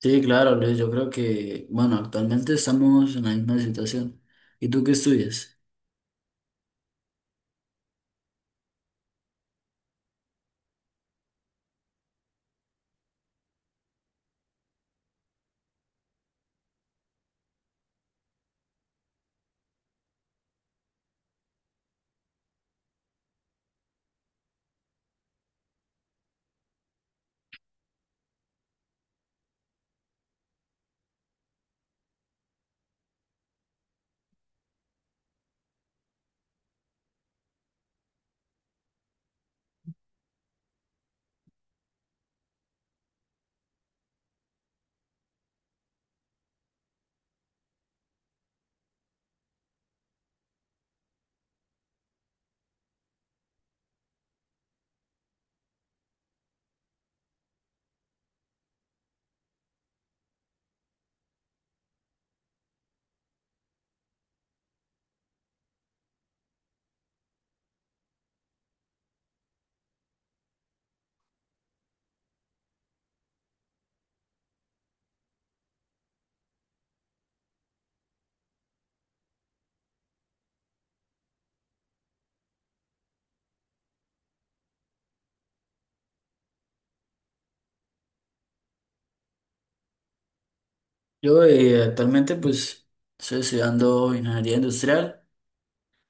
Sí, claro, Luis, yo creo que, bueno, actualmente estamos en la misma situación. ¿Y tú qué estudias? Yo actualmente pues estoy estudiando ingeniería industrial.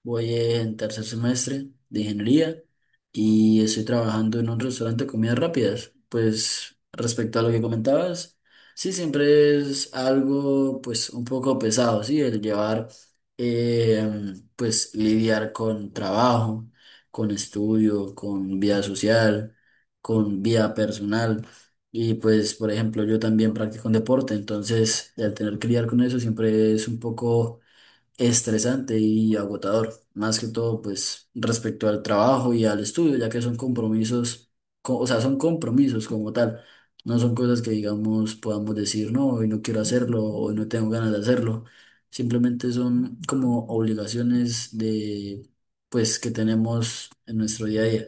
Voy en tercer semestre de ingeniería y estoy trabajando en un restaurante de comidas rápidas. Pues respecto a lo que comentabas, sí, siempre es algo pues un poco pesado, sí, el llevar, pues lidiar con trabajo, con estudio, con vida social, con vida personal. Y pues, por ejemplo, yo también practico un deporte, entonces el tener que lidiar con eso siempre es un poco estresante y agotador, más que todo pues respecto al trabajo y al estudio, ya que son compromisos, o sea, son compromisos como tal, no son cosas que digamos podamos decir no, hoy no quiero hacerlo, hoy no tengo ganas de hacerlo, simplemente son como obligaciones de pues que tenemos en nuestro día a día.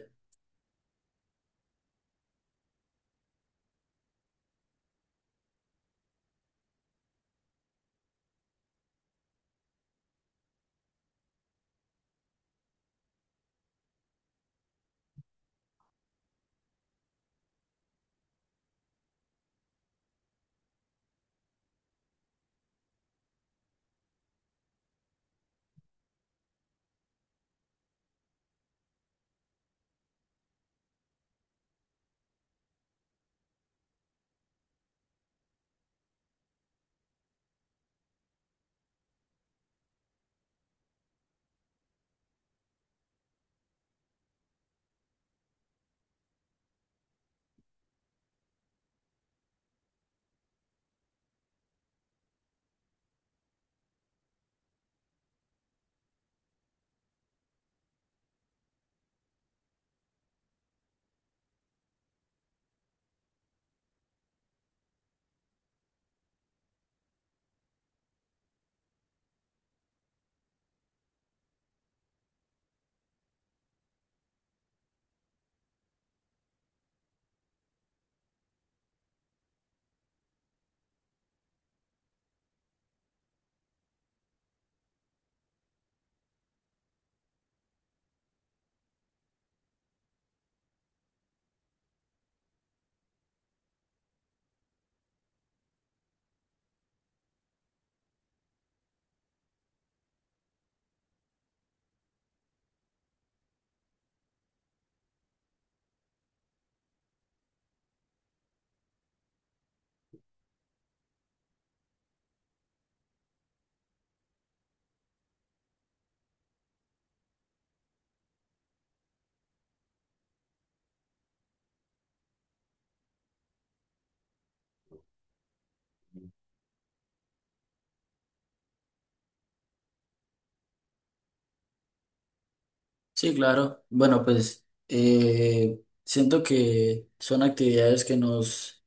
Sí, claro, bueno pues siento que son actividades que nos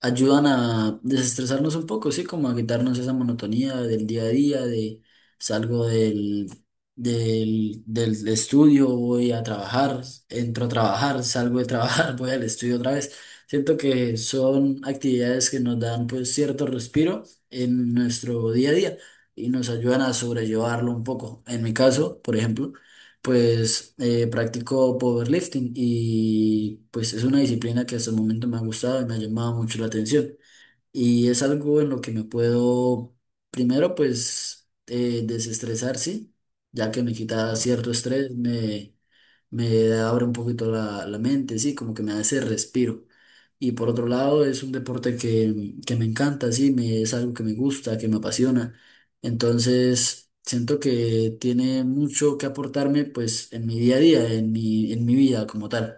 ayudan a desestresarnos un poco, sí, como a quitarnos esa monotonía del día a día, de salgo del, del estudio, voy a trabajar, entro a trabajar, salgo de trabajar, voy al estudio otra vez. Siento que son actividades que nos dan pues cierto respiro en nuestro día a día y nos ayudan a sobrellevarlo un poco. En mi caso, por ejemplo, pues practico powerlifting y pues es una disciplina que hasta el momento me ha gustado y me ha llamado mucho la atención. Y es algo en lo que me puedo, primero pues desestresar, sí, ya que me quita cierto estrés, me abre un poquito la mente, sí, como que me da ese respiro. Y por otro lado, es un deporte que me encanta, sí, es algo que me gusta, que me apasiona. Entonces, siento que tiene mucho que aportarme, pues, en mi día a día, en mi vida como tal.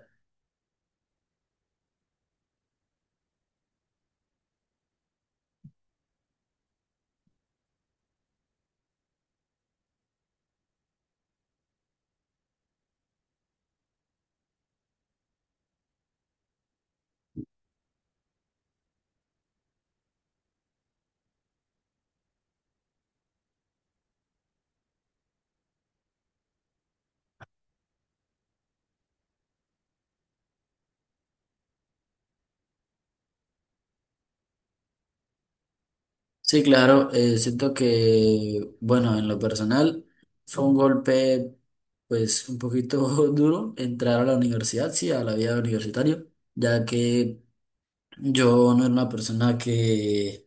Sí, claro, siento que, bueno, en lo personal, fue un golpe, pues, un poquito duro entrar a la universidad, sí, a la vida universitaria, ya que yo no era una persona que,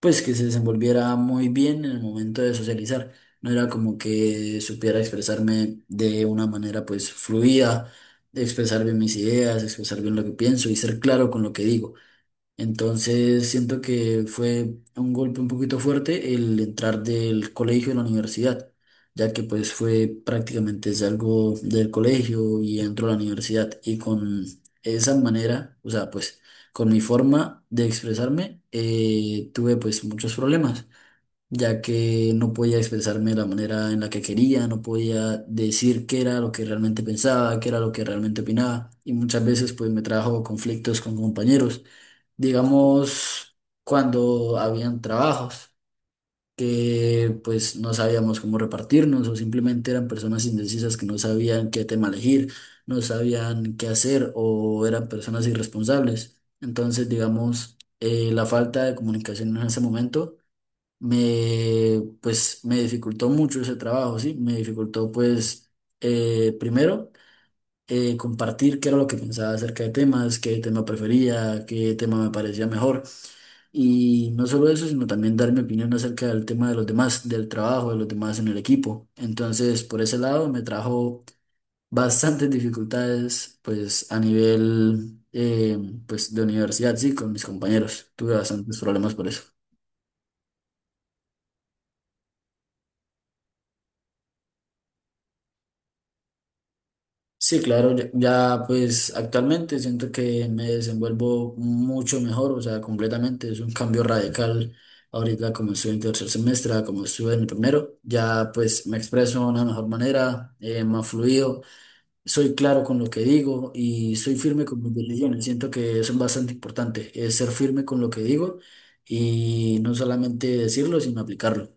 pues, que se desenvolviera muy bien en el momento de socializar. No era como que supiera expresarme de una manera, pues, fluida, expresar bien mis ideas, expresar bien lo que pienso y ser claro con lo que digo. Entonces siento que fue un golpe un poquito fuerte el entrar del colegio a la universidad, ya que pues fue prácticamente salgo del colegio y entro a la universidad y con esa manera, o sea, pues con mi forma de expresarme tuve pues muchos problemas, ya que no podía expresarme de la manera en la que quería, no podía decir qué era lo que realmente pensaba, qué era lo que realmente opinaba y muchas veces pues me trajo conflictos con compañeros digamos, cuando habían trabajos que pues no sabíamos cómo repartirnos o simplemente eran personas indecisas que no sabían qué tema elegir, no sabían qué hacer o eran personas irresponsables. Entonces, digamos, la falta de comunicación en ese momento me pues me dificultó mucho ese trabajo, ¿sí? Me dificultó pues primero compartir qué era lo que pensaba acerca de temas, qué tema prefería, qué tema me parecía mejor. Y no solo eso, sino también dar mi opinión acerca del tema de los demás, del trabajo de los demás en el equipo. Entonces, por ese lado, me trajo bastantes dificultades, pues a nivel, pues de universidad, sí, con mis compañeros. Tuve bastantes problemas por eso. Sí, claro, ya, ya, pues actualmente siento que me desenvuelvo mucho mejor, o sea, completamente. Es un cambio radical ahorita como estuve en tercer semestre, a como estuve en el primero. Ya pues me expreso de una mejor manera, más fluido. Soy claro con lo que digo y soy firme con mis decisiones. Siento que eso es bastante importante, es ser firme con lo que digo y no solamente decirlo, sino aplicarlo.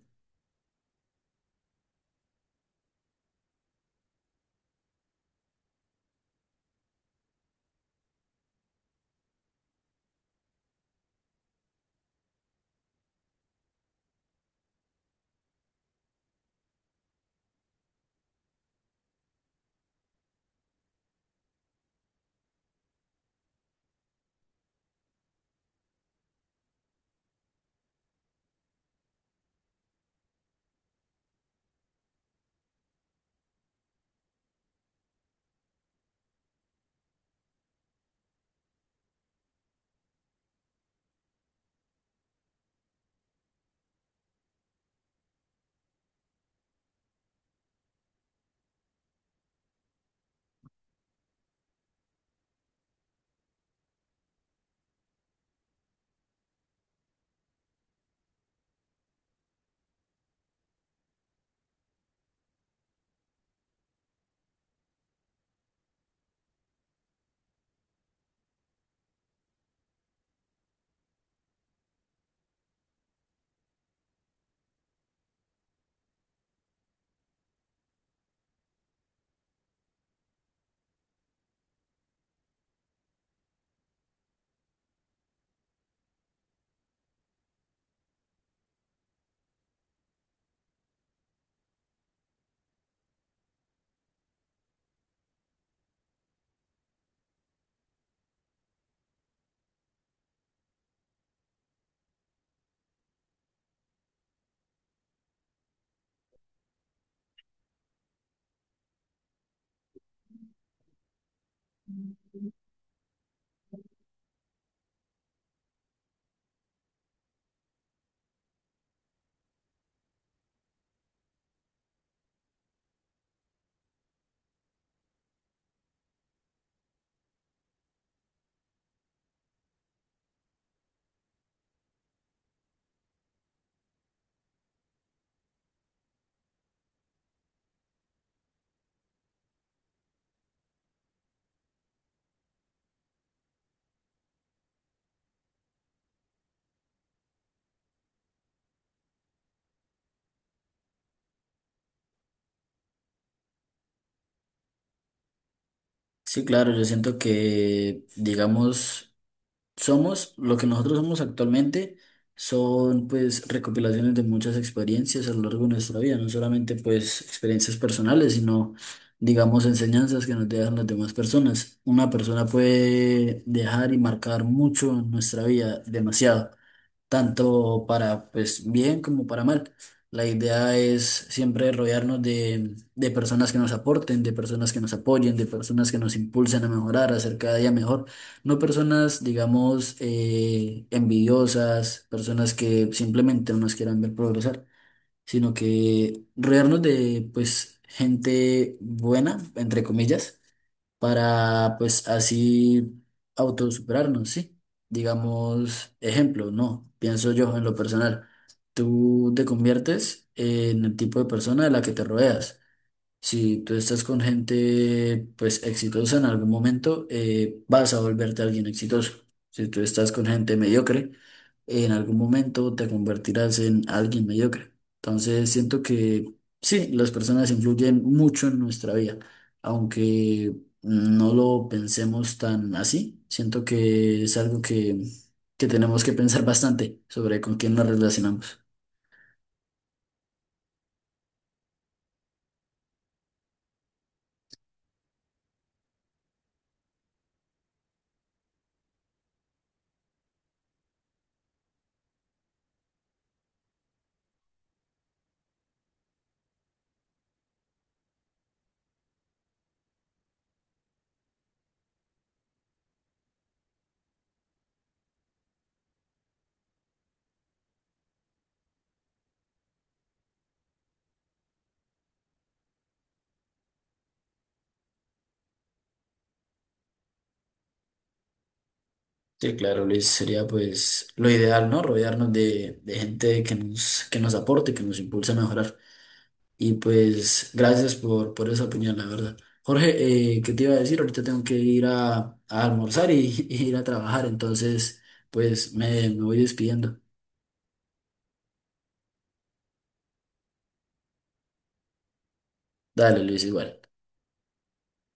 Sí, claro, yo siento que, digamos, somos, lo que nosotros somos actualmente son pues recopilaciones de muchas experiencias a lo largo de nuestra vida, no solamente pues experiencias personales, sino digamos enseñanzas que nos dejan las demás personas. Una persona puede dejar y marcar mucho en nuestra vida, demasiado, tanto para pues bien como para mal. La idea es siempre rodearnos de personas que nos aporten, de personas que nos apoyen, de personas que nos impulsen a mejorar, a ser cada día mejor. No personas, digamos, envidiosas, personas que simplemente no nos quieran ver progresar, sino que rodearnos de pues gente buena, entre comillas, para pues así autosuperarnos, ¿sí? Digamos, ejemplo, no, pienso yo en lo personal, tú te conviertes en el tipo de persona de la que te rodeas. Si tú estás con gente pues exitosa en algún momento, vas a volverte alguien exitoso. Si tú estás con gente mediocre, en algún momento te convertirás en alguien mediocre. Entonces siento que sí, las personas influyen mucho en nuestra vida, aunque no lo pensemos tan así. Siento que es algo que tenemos que pensar bastante sobre con quién nos relacionamos. Sí, claro, Luis, sería pues lo ideal, ¿no? Rodearnos de gente que nos aporte, que nos impulse a mejorar. Y pues gracias por esa opinión, la verdad. Jorge, ¿qué te iba a decir? Ahorita tengo que ir a almorzar y, y ir a trabajar, entonces pues me voy despidiendo. Dale, Luis, igual.